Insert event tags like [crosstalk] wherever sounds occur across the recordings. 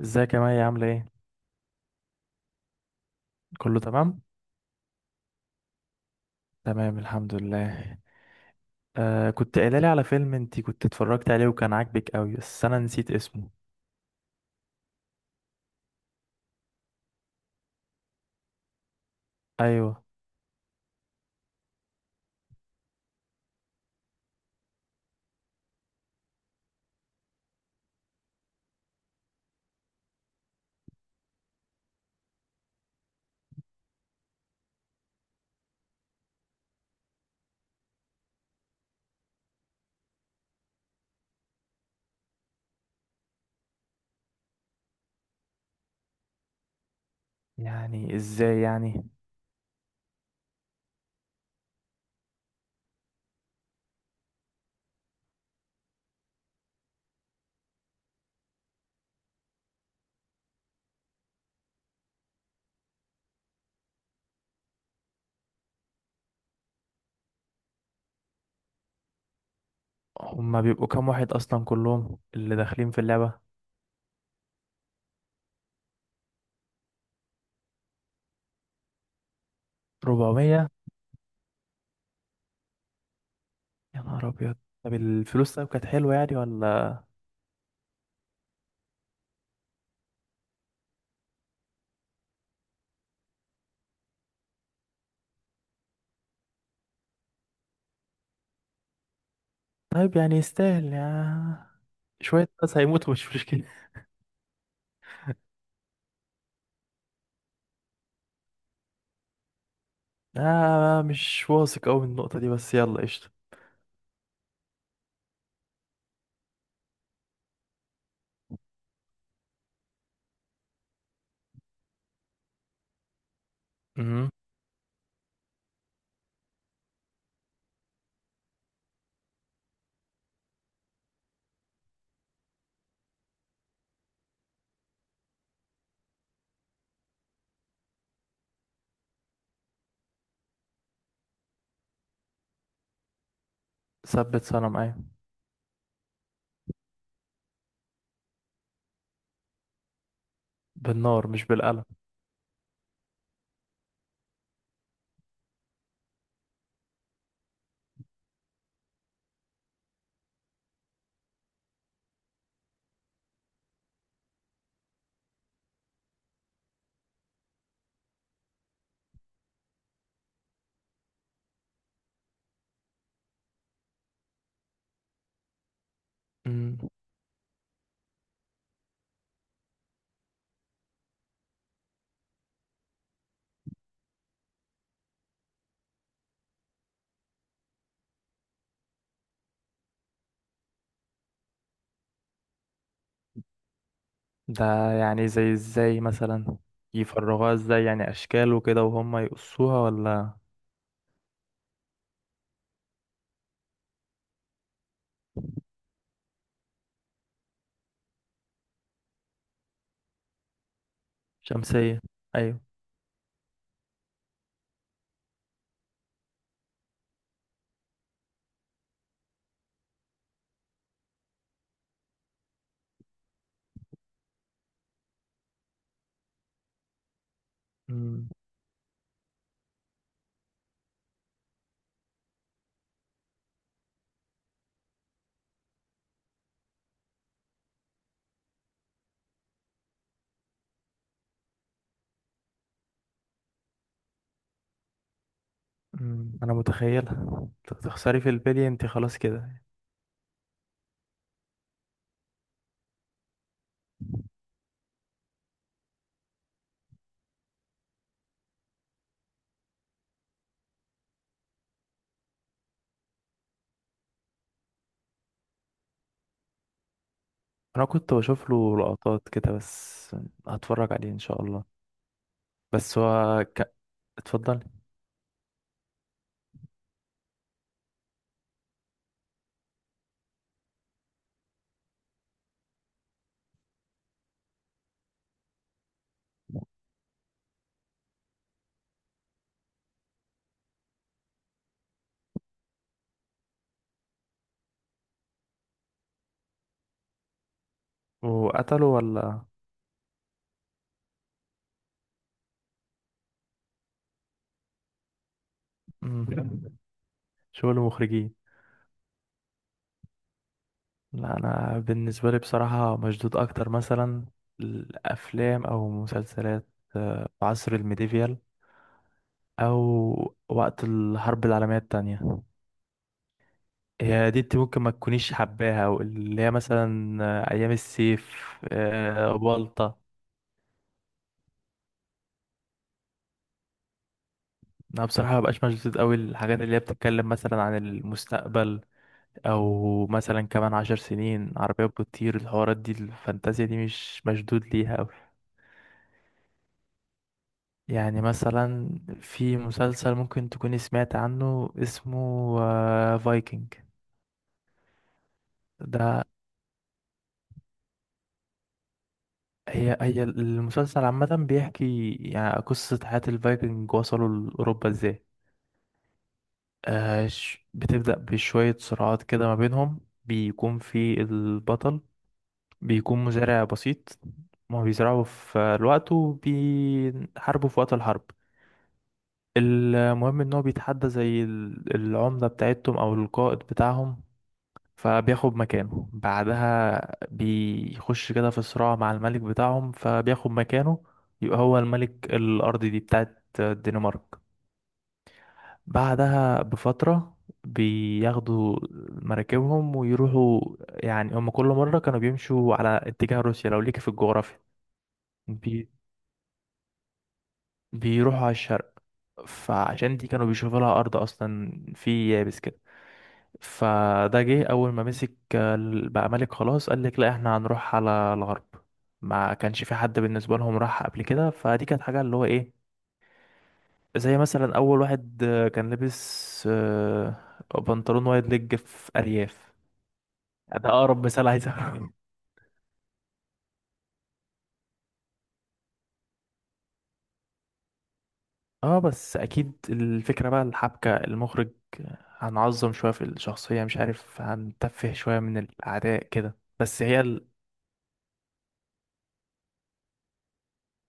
ازيك يا مي عاملة ايه؟ كله تمام؟ تمام الحمد لله. كنت قايلة لي على فيلم انت كنت اتفرجت عليه وكان عاجبك قوي بس انا نسيت اسمه. ايوه. يعني ازاي يعني؟ هما بيبقوا كام واحد اصلا كلهم اللي داخلين في اللعبة؟ 400؟ يا نهار ابيض. طب الفلوس طيب كانت حلوة يعني ولا؟ طيب يعني يستاهل يا شوية ناس هيموتوا مش مشكلة؟ مش واثق قوي من النقطة دي، بس يلا قشطة. مهم. ثبت صنم، ايوه. بالنار مش بالقلم؟ ده يعني زي ازاي مثلا؟ يفرغوها ازاي يعني؟ اشكال وكده وهم يقصوها ولا؟ شمسية. ايوه. امم. أمم، انا متخيلها تخسري في البلي انت خلاص كده. انا كنت بشوف له لقطات كده بس. هتفرج عليه ان شاء الله. بس هو اتفضلي. وقتله ولا؟ أمم. شغل مخرجين. لا، انا بالنسبه لي بصراحه مشدود اكتر مثلا الافلام او مسلسلات في عصر الميديفيال او وقت الحرب العالميه التانية. هي دي انت ممكن ما تكونيش حباها، واللي هي مثلا ايام السيف، بلطة. انا بصراحه مبقاش مشدود قوي الحاجات اللي هي بتتكلم مثلا عن المستقبل، او مثلا كمان عشر سنين عربيات بتطير، الحوارات دي الفانتازيا دي مش مشدود ليها قوي. يعني مثلا في مسلسل ممكن تكوني سمعت عنه، اسمه فايكنج. ده هي المسلسل عامة بيحكي يعني قصة حياة الفايكنج وصلوا لأوروبا ازاي. بتبدأ بشوية صراعات كده ما بينهم، بيكون في البطل بيكون مزارع بسيط، ما بيزرعوا في الوقت وبيحاربوا في وقت الحرب. المهم ان هو بيتحدى زي العمدة بتاعتهم او القائد بتاعهم، فبياخد مكانه. بعدها بيخش كده في صراع مع الملك بتاعهم فبياخد مكانه، يبقى هو الملك. الأرض دي بتاعت الدنمارك. بعدها بفترة بياخدوا مراكبهم ويروحوا، يعني هم كل مرة كانوا بيمشوا على اتجاه روسيا لو ليك في الجغرافيا. بي... بيروحوا على الشرق، فعشان دي كانوا بيشوفوا لها أرض أصلا في يابس كده. فده جه اول ما مسك بقى ملك، خلاص قال لك لا احنا هنروح على الغرب. ما كانش في حد بالنسبه لهم راح قبل كده، فدي كانت حاجه اللي هو ايه، زي مثلا اول واحد كان لابس بنطلون وايد ليج في ارياف. ده اقرب مثال عايز أقوله. [laughs] اه، بس اكيد الفكره بقى الحبكه المخرج هنعظم شويه في الشخصيه، مش عارف هنتفه شويه من الاعداء كده، بس هي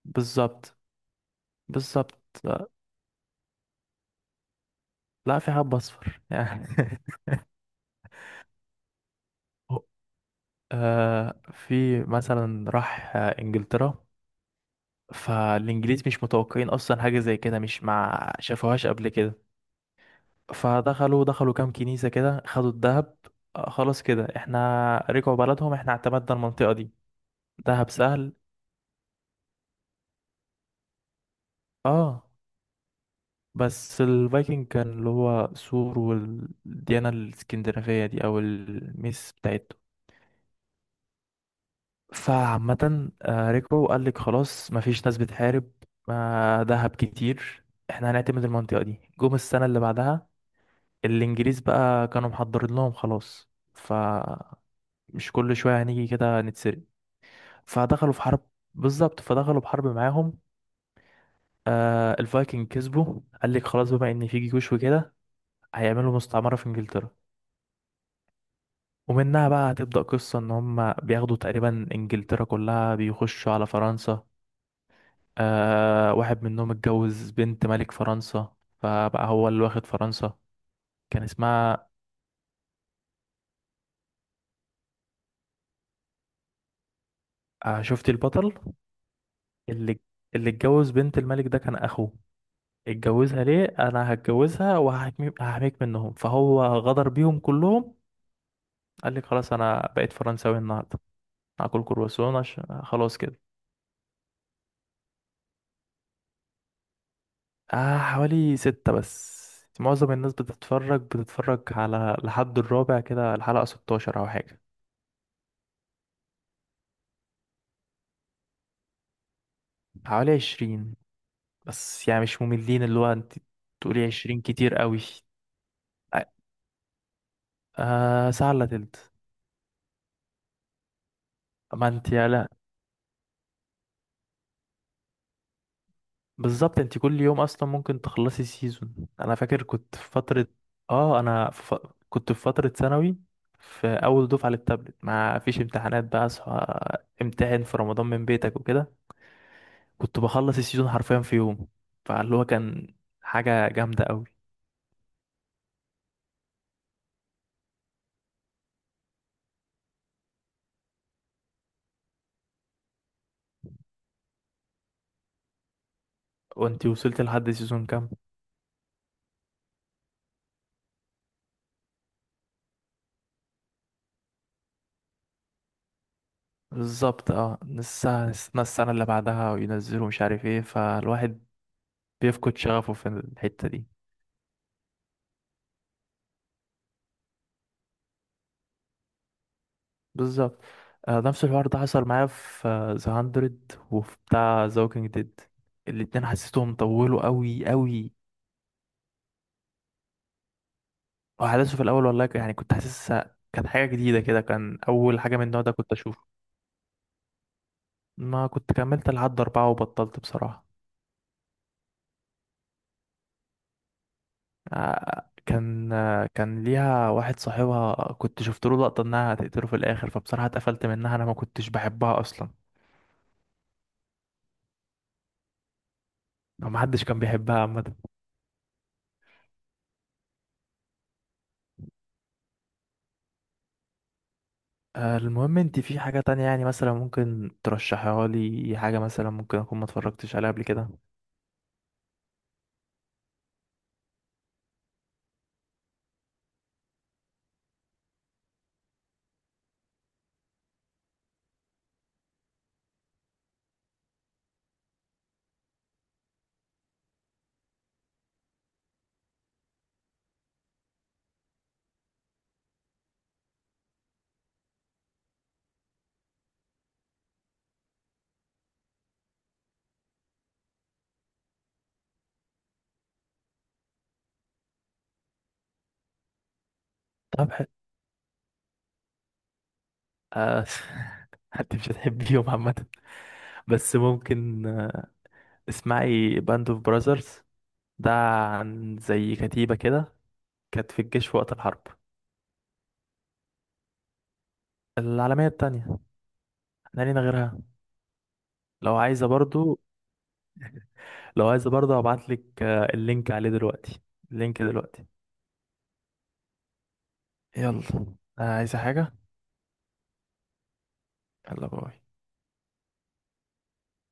بالظبط، بالظبط. لا. لا، في حب اصفر يعني. [laughs] آه في مثلا راح انجلترا، فالانجليز مش متوقعين اصلا حاجه زي كده، مش ما شافوهاش قبل كده، فدخلوا كام كنيسه كده خدوا الذهب. آه خلاص كده احنا رجعوا بلدهم، احنا اعتمدنا المنطقه دي. ذهب سهل. اه. بس الفايكنج كان اللي هو سور، والديانه الاسكندنافيه دي او الميس بتاعتهم. فعامة ركبوا وقال لك خلاص مفيش ناس بتحارب، دهب كتير، احنا هنعتمد المنطقة دي. جم السنة اللي بعدها، الإنجليز بقى كانوا محضرين لهم، خلاص فمش كل شوية هنيجي كده نتسرق. فدخلوا في حرب. بالظبط، فدخلوا بحرب معاهم. آه الفايكنج كسبوا، قال لك خلاص بما إن في جيوش وكده هيعملوا مستعمرة في إنجلترا. ومنها بقى هتبدأ قصة إن هم بياخدوا تقريبا إنجلترا كلها، بيخشوا على فرنسا. آه واحد منهم اتجوز بنت ملك فرنسا، فبقى هو اللي واخد فرنسا. كان اسمها آه، شفتي البطل اللي اتجوز بنت الملك ده كان اخوه. اتجوزها ليه؟ انا هتجوزها وهحميك، هحميك منهم، فهو غدر بيهم كلهم. قال لك خلاص انا بقيت فرنساوي النهارده، هاكل كرواسون عشان خلاص كده. آه حوالي ستة بس، معظم الناس بتتفرج على لحد الرابع كده، الحلقة 16 أو حاجة. حوالي 20، بس يعني مش مملين. اللي هو انت تقولي عشرين كتير قوي. آه ساعة الا تلت. ما انت يا لا. بالظبط، انت كل يوم اصلا ممكن تخلصي سيزون. انا فاكر كنت في فترة، اه انا كنت في فترة ثانوي، في اول دفعة للتابلت، ما فيش امتحانات بقى، اصحى امتحن في رمضان من بيتك وكده. كنت بخلص السيزون حرفيا في يوم، فاللي هو كان حاجة جامدة قوي. وانت وصلت لحد سيزون كام؟ بالظبط. اه، السنة اللي بعدها وينزلوا مش عارف ايه، فالواحد بيفقد شغفه في الحتة دي. بالظبط. آه نفس الحوار ده حصل معايا في ذا هاندرد، وفي بتاع ذا ووكينج ديد. الاتنين حسيتهم طولوا قوي قوي. وأحداثه في الأول والله يعني كنت حاسسها كانت حاجة جديدة كده، كان أول حاجة من النوع ده كنت أشوفه. ما كنت كملت لحد أربعة وبطلت بصراحة. كان ليها واحد صاحبها كنت شفت له لقطة انها هتقتله في الاخر، فبصراحة اتقفلت منها، انا ما كنتش بحبها اصلا، او ما حدش كان بيحبها عامة. المهم انت في حاجة تانية يعني مثلا ممكن ترشحها لي؟ حاجة مثلا ممكن اكون ما اتفرجتش عليها قبل كده. طب ح... آه، [laughs] انت مش هتحبيهم عامة، بس ممكن اسمعي باند اوف براذرز. ده عن زي كتيبة كده كانت في الجيش في وقت الحرب العالمية التانية. احنا لينا غيرها. لو عايزة برضو، هبعت لك اللينك عليه دلوقتي، اللينك دلوقتي. يلا، عايزة حاجة؟ يلا باي.